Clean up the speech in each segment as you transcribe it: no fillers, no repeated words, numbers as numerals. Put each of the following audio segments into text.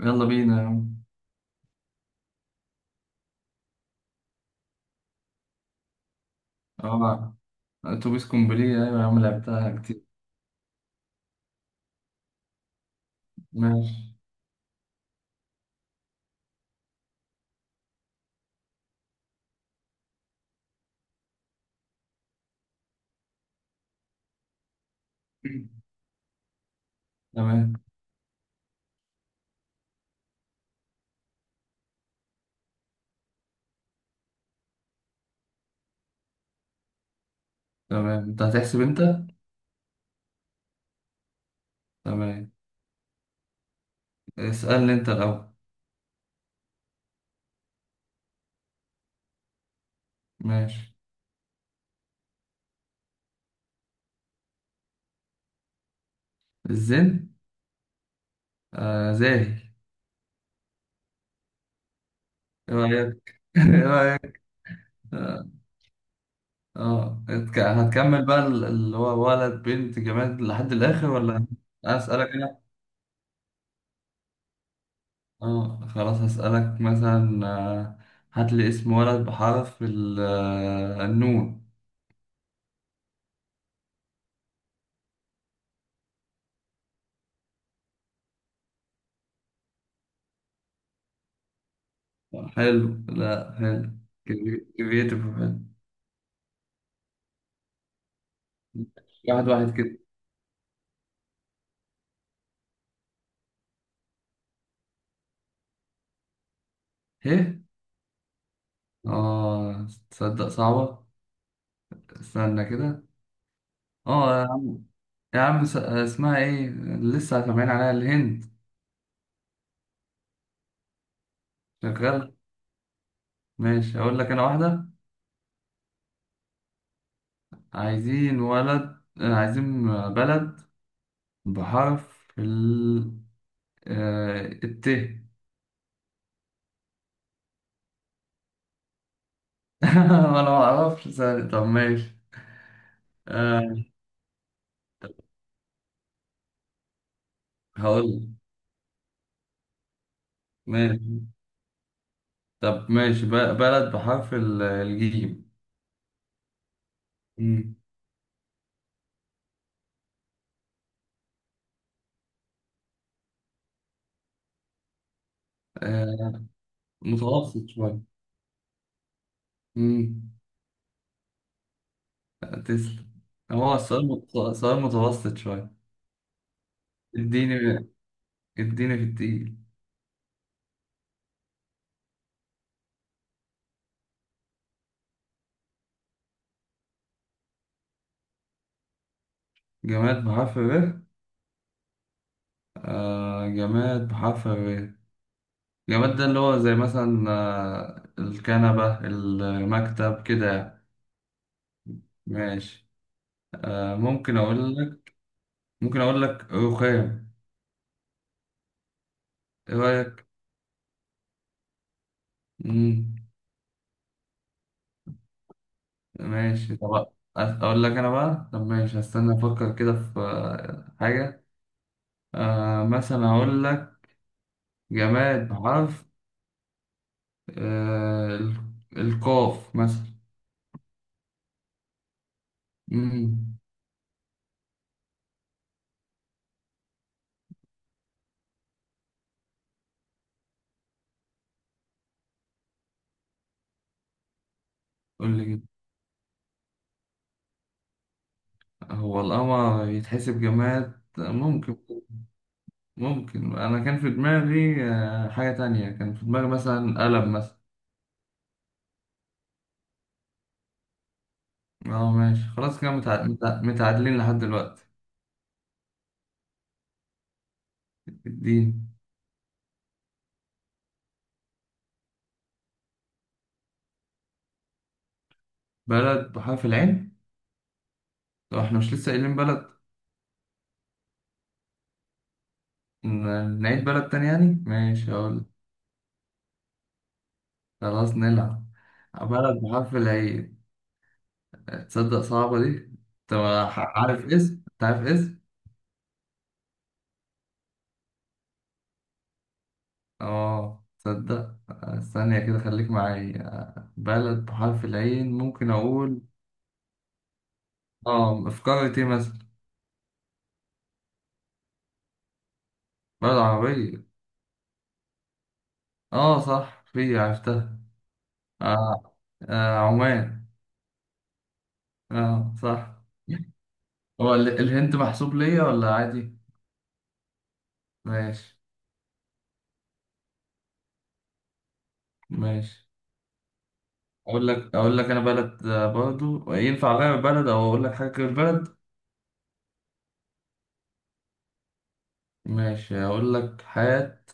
يلا بينا يا عم. اه، اتوبيس كومبليه، ايوه يا عم، لعبتها كتير. ماشي. تمام تمام، انت هتحسب انت. تمام، اسألني انت الاول. ماشي. الزن. زاهي. ايه رايك؟ ايه رايك؟ اه. هتكمل بقى اللي هو ولد بنت جماد لحد الاخر ولا؟ اسألك انا. اه خلاص، هسألك مثلا، هات لي اسم ولد بحرف النون. حلو، لا حلو، كرييتيف، حلو. واحد واحد كده. ايه؟ اه تصدق صعبة. استنى كده. اه يا عم، يا عم، اسمها ايه؟ لسه سامعين عليها الهند. شغال. ماشي، اقول لك انا واحدة. عايزين ولد، عايزين بلد بحرف ال آه، الت. انا ما اعرفش ثاني. طب ماشي. آه هقول لك. ماشي. طب ماشي، بلد بحرف الجيم. مم. آه متوسط شوية. مم. تسلم. هو السؤال سؤال متوسط شوية. اديني اديني في التقيل. جماد بحرف ر. جماد بحرف ر. جماد ده اللي هو زي مثلا الكنبة، المكتب، كده يعني. ماشي. آه ممكن أقول لك ممكن أقول لك رخام. إيه رأيك؟ مم. ماشي. طب أقول لك أنا بقى. طب ماشي، هستنى أفكر كده في حاجة. مثلا أقول لك جماد بحرف آه ال- القاف مثلا. مم. قول لي كده. هو القمر يتحسب جماد؟ ممكن. ممكن، أنا كان في دماغي حاجة تانية. كان في دماغي مثلا قلم مثلا. اه ماشي، خلاص كده متعادلين لحد دلوقتي. الدين. بلد بحرف العين. طب احنا مش لسه قايلين بلد؟ نعيد بلد تاني يعني، ماشي أقول. خلاص نلعب. بلد بحرف العين. تصدق صعبة دي. طب ع- عارف اسم انت عارف اسم. اه تصدق. استنى كده، خليك معايا. بلد بحرف العين، ممكن اقول. اه، في قارة ايه مثلا؟ بلد عربية. اه صح، في عرفتها. آه. عمان. اه صح. هو الهند محسوب ليا ولا عادي؟ ماشي. ماشي، اقول لك انا بلد، برضو ينفع غير بلد او اقول لك حاجة غير بلد؟ ماشي، اقول لك حاجة.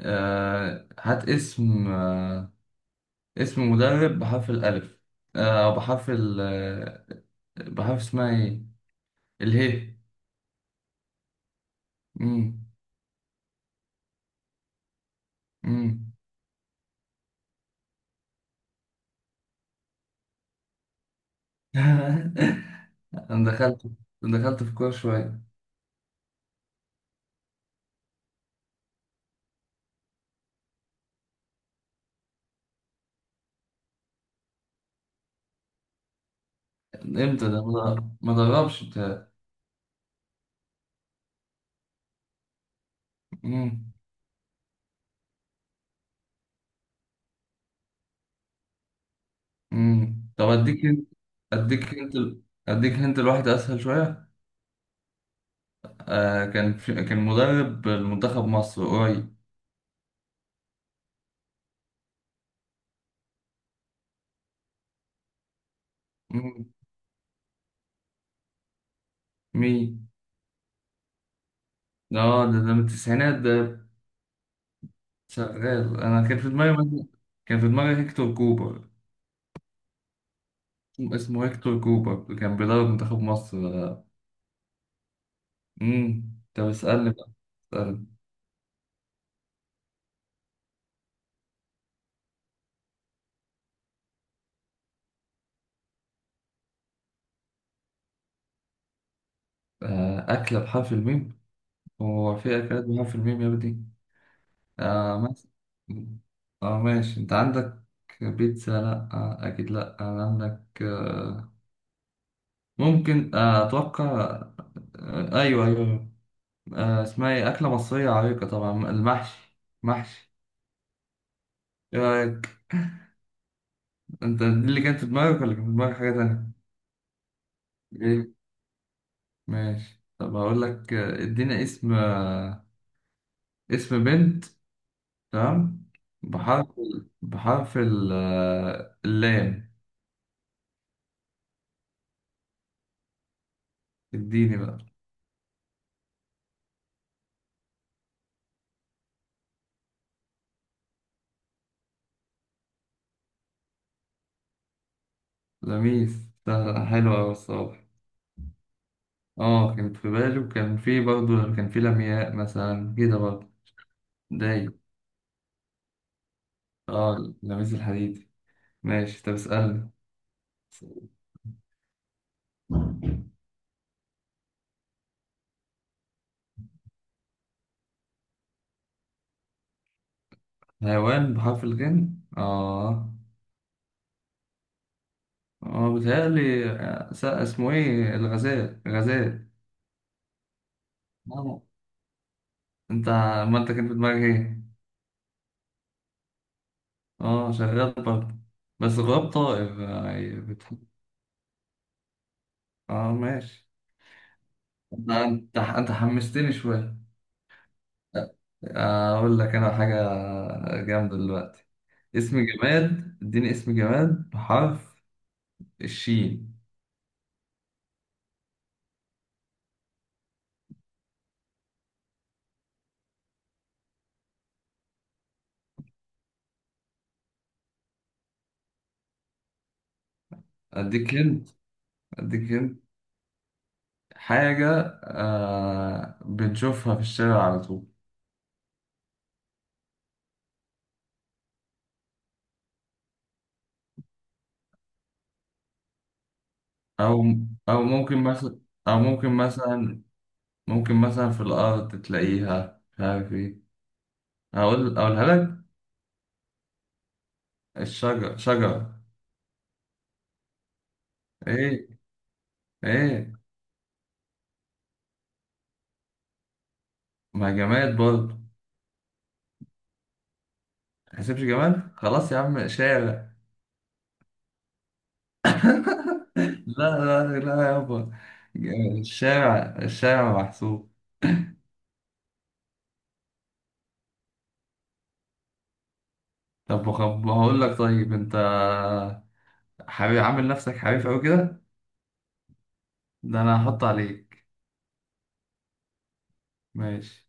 هات اسم، اسم مدرب بحرف الألف، آه، أو بحرف ال آه، بحرف اسمها إيه؟ اله. مم. مم. أنا دخلت في كورة شوية. إمتى ده؟ ما دربش بتاع. مم. مم. طب أديك هنت. أديك هنت الواحد أسهل شوية. كان مدرب المنتخب مصر قريب. مم. مين؟ ده من التسعينات ده. شغال، انا كان في دماغي كان في دماغي هيكتور كوبر. اسمه هيكتور كوبر، كان بيدرب منتخب مصر. طب اسألني بقى. اسألني. أكلة بحرف الميم. هو في أكلات بحرف الميم يا ابني؟ مثلا. اه ماشي، انت عندك بيتزا، لا اكيد لا، انا عندك ممكن، اتوقع، ايوه ايوه. اسمها ايه، اكله مصريه عريقه طبعا، المحشي. محشي. آه، انت دي اللي كانت في دماغك ولا كان في دماغك حاجة تانية؟ ايه. ماشي. طب هقول لك، ادينا اسم، اسم بنت. تمام. بحرف اللام. اديني بقى. لميس. سهلة، حلوة أوي الصراحة. اه كانت في بالي، وكان في برضه، كان في لمياء مثلا كده برضه. داي. اه لميس الحديدي. ماشي. طب اسألني. حيوان بحرف الغين. اه، هو بيتهيألي، اسمه ايه، الغزال، غزال. اه. انت. ما انت كان في دماغك ايه؟ اه شغال برضه. بس غراب طائر. اه ماشي. انت حمستني شوية. اقول لك انا حاجة جامدة دلوقتي. اسم جماد اديني اسم جماد بحرف الشين. اديك هنت اديك هنت حاجة بنشوفها في الشارع على طول. او او او ممكن مثلا ممكن مثلا في الأرض تلاقيها، مش عارف إيه. أقولها لك. شجرة. إيه إيه؟ ما جماد برضه. تحسبش جماد، خلاص يا عم، شارع. لا، لا لا يابا، الشارع الشارع محسوب. طب هقول لك، طيب أنت حبيب، عامل نفسك حريف أوي كده، ده أنا هحط عليك. ماشي.